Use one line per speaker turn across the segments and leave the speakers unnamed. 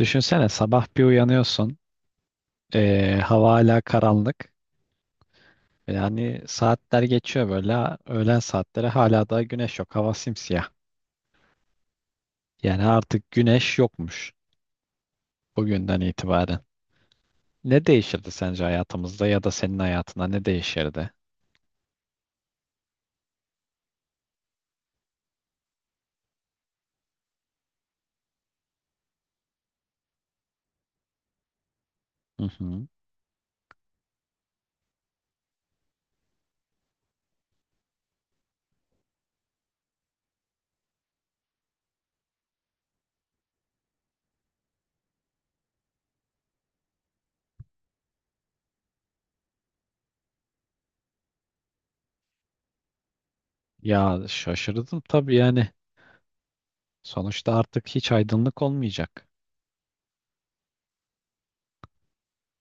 Düşünsene sabah bir uyanıyorsun. Hava hala karanlık. Yani saatler geçiyor böyle. Öğlen saatleri hala da güneş yok. Hava simsiyah. Yani artık güneş yokmuş bugünden itibaren. Ne değişirdi sence hayatımızda ya da senin hayatına ne değişirdi? Hı hı. Ya şaşırdım tabii yani. Sonuçta artık hiç aydınlık olmayacak.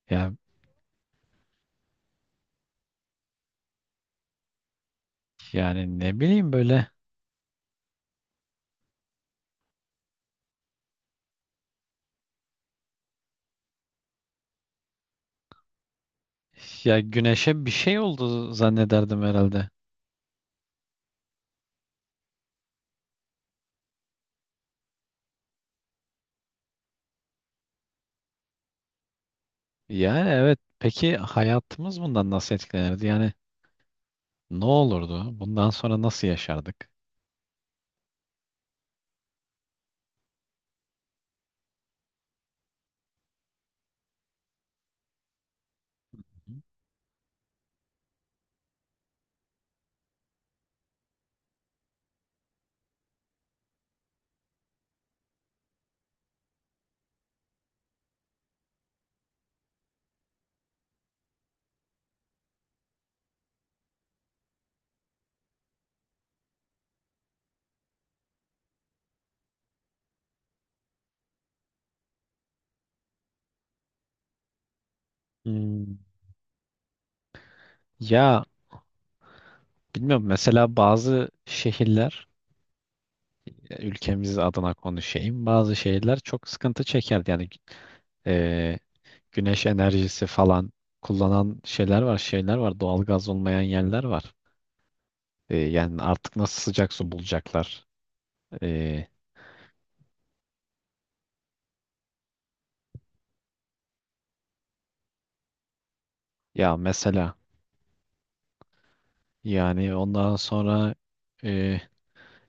Ya yani ne bileyim böyle, ya güneşe bir şey oldu zannederdim herhalde. Yani evet. Peki hayatımız bundan nasıl etkilenirdi? Yani ne olurdu? Bundan sonra nasıl yaşardık? Hmm. Ya bilmiyorum. Mesela bazı şehirler, ya ülkemiz adına konuşayım. Bazı şehirler çok sıkıntı çekerdi. Yani e, güneş enerjisi falan kullanan şeyler var, şeyler var. Doğalgaz olmayan yerler var. Yani artık nasıl sıcak su bulacaklar? E, Ya mesela yani ondan sonra e,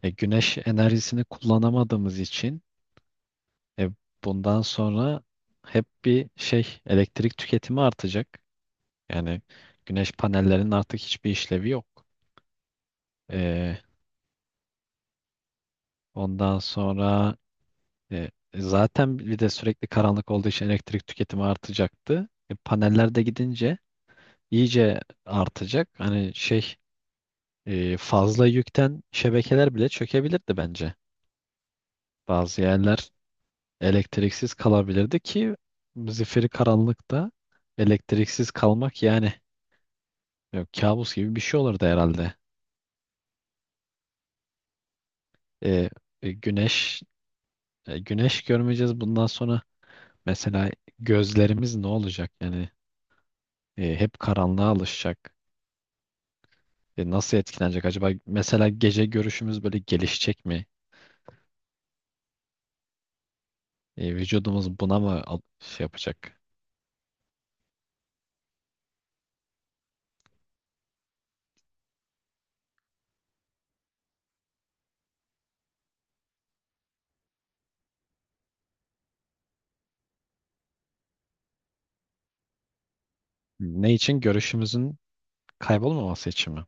Güneş enerjisini kullanamadığımız için e, bundan sonra hep bir şey elektrik tüketimi artacak. Yani güneş panellerinin artık hiçbir işlevi yok. E, Ondan sonra zaten bir de sürekli karanlık olduğu için elektrik tüketimi artacaktı. E, paneller de gidince iyice artacak. Hani şey, fazla yükten şebekeler bile çökebilirdi bence. Bazı yerler elektriksiz kalabilirdi ki zifiri karanlıkta elektriksiz kalmak yani kabus gibi bir şey olurdu herhalde. E, e, güneş Güneş görmeyeceğiz bundan sonra, mesela gözlerimiz ne olacak yani, hep karanlığa alışacak. E, nasıl etkilenecek acaba? Mesela gece görüşümüz böyle gelişecek mi? E, vücudumuz buna mı şey yapacak? Ne için? Görüşümüzün kaybolmaması için mi?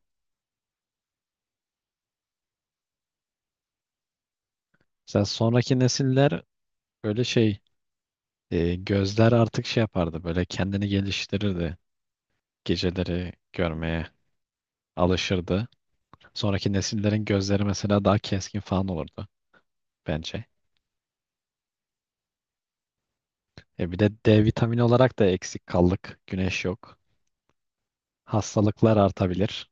Mesela sonraki nesiller böyle şey, E, gözler artık şey yapardı, böyle kendini geliştirirdi. Geceleri görmeye alışırdı. Sonraki nesillerin gözleri mesela daha keskin falan olurdu bence. E, bir de D vitamini olarak da eksik kaldık. Güneş yok. Hastalıklar artabilir.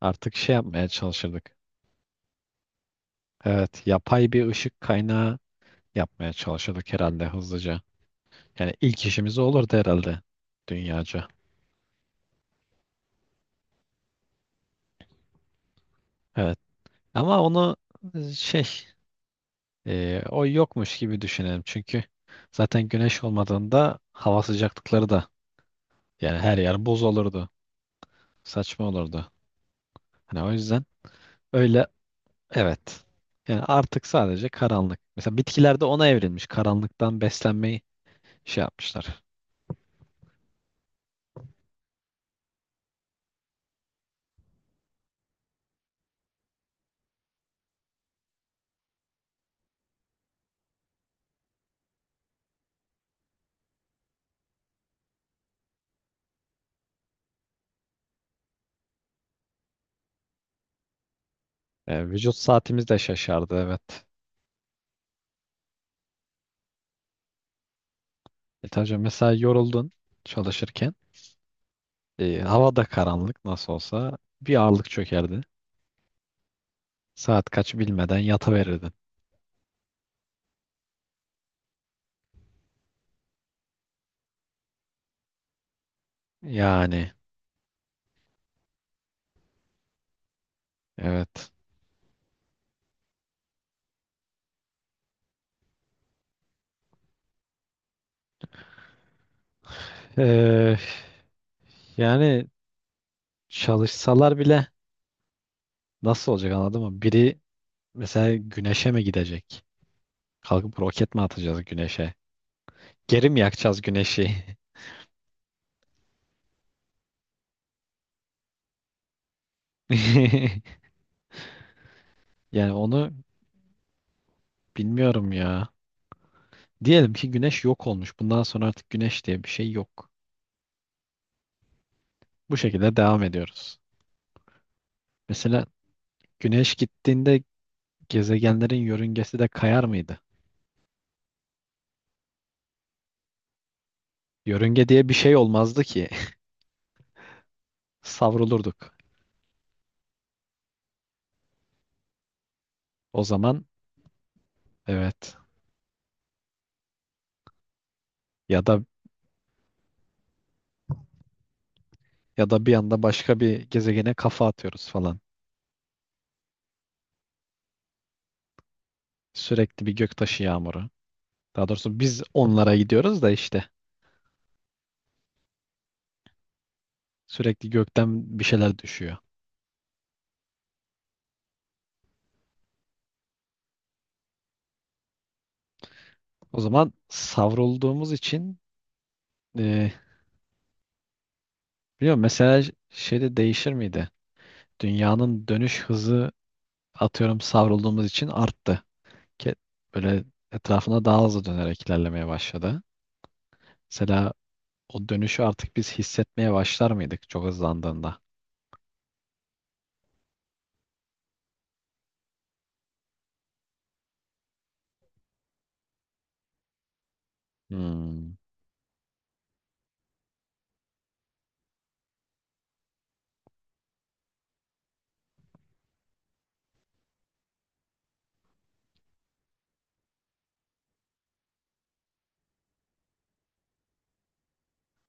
Artık şey yapmaya çalışırdık. Evet, yapay bir ışık kaynağı yapmaya çalışırdık herhalde hızlıca. Yani ilk işimiz o olurdu herhalde, dünyaca. Evet. Ama onu şey, o yokmuş gibi düşünelim. Çünkü zaten güneş olmadığında hava sıcaklıkları da, yani her yer buz olurdu. Saçma olurdu. Hani o yüzden öyle, evet. Yani artık sadece karanlık. Mesela bitkilerde ona evrilmiş. Karanlıktan beslenmeyi şey yapmışlar. Vücut saatimiz de şaşardı, evet. E tabii canım, mesela yoruldun çalışırken. E, hava da karanlık nasıl olsa bir ağırlık çökerdi. Saat kaç bilmeden yataverirdin. Yani evet. Yani çalışsalar bile nasıl olacak, anladın mı? Biri mesela güneşe mi gidecek? Kalkıp roket mi atacağız güneşe? Geri mi yakacağız güneşi? Yani onu bilmiyorum ya. Diyelim ki güneş yok olmuş. Bundan sonra artık güneş diye bir şey yok. Bu şekilde devam ediyoruz. Mesela güneş gittiğinde gezegenlerin yörüngesi de kayar mıydı? Yörünge diye bir şey olmazdı ki. Savrulurduk. O zaman evet. Ya da, ya da bir anda başka bir gezegene kafa atıyoruz falan. Sürekli bir göktaşı yağmuru. Daha doğrusu biz onlara gidiyoruz da işte, sürekli gökten bir şeyler düşüyor. O zaman savrulduğumuz için e, biliyorum mesela, şeyde değişir miydi? Dünyanın dönüş hızı atıyorum savrulduğumuz için arttı. Ke- Böyle etrafına daha hızlı dönerek ilerlemeye başladı. Mesela o dönüşü artık biz hissetmeye başlar mıydık çok hızlandığında? Hmm.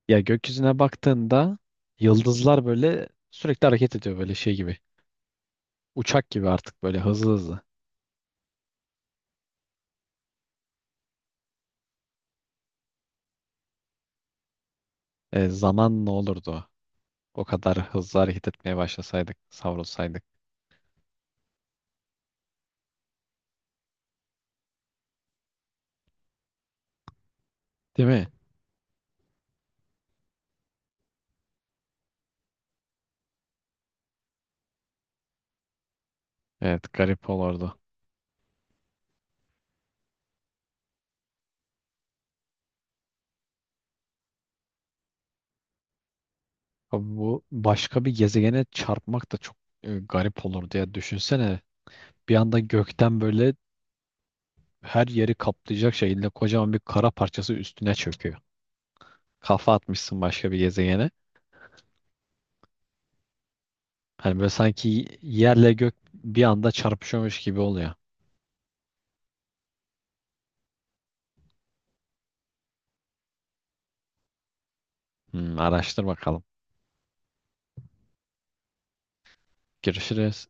Ya gökyüzüne baktığında yıldızlar böyle sürekli hareket ediyor, böyle şey gibi. Uçak gibi artık, böyle hızlı hızlı. E, zaman ne olurdu o? O kadar hızlı hareket etmeye başlasaydık, savrulsaydık. Değil mi? Evet, garip olurdu. Abi bu başka bir gezegene çarpmak da çok garip olurdu ya. Düşünsene bir anda gökten böyle her yeri kaplayacak şekilde kocaman bir kara parçası üstüne çöküyor. Kafa atmışsın başka bir gezegene. Hani böyle sanki yerle gök bir anda çarpışıyormuş gibi oluyor. Hmm, araştır bakalım. Görüşürüz.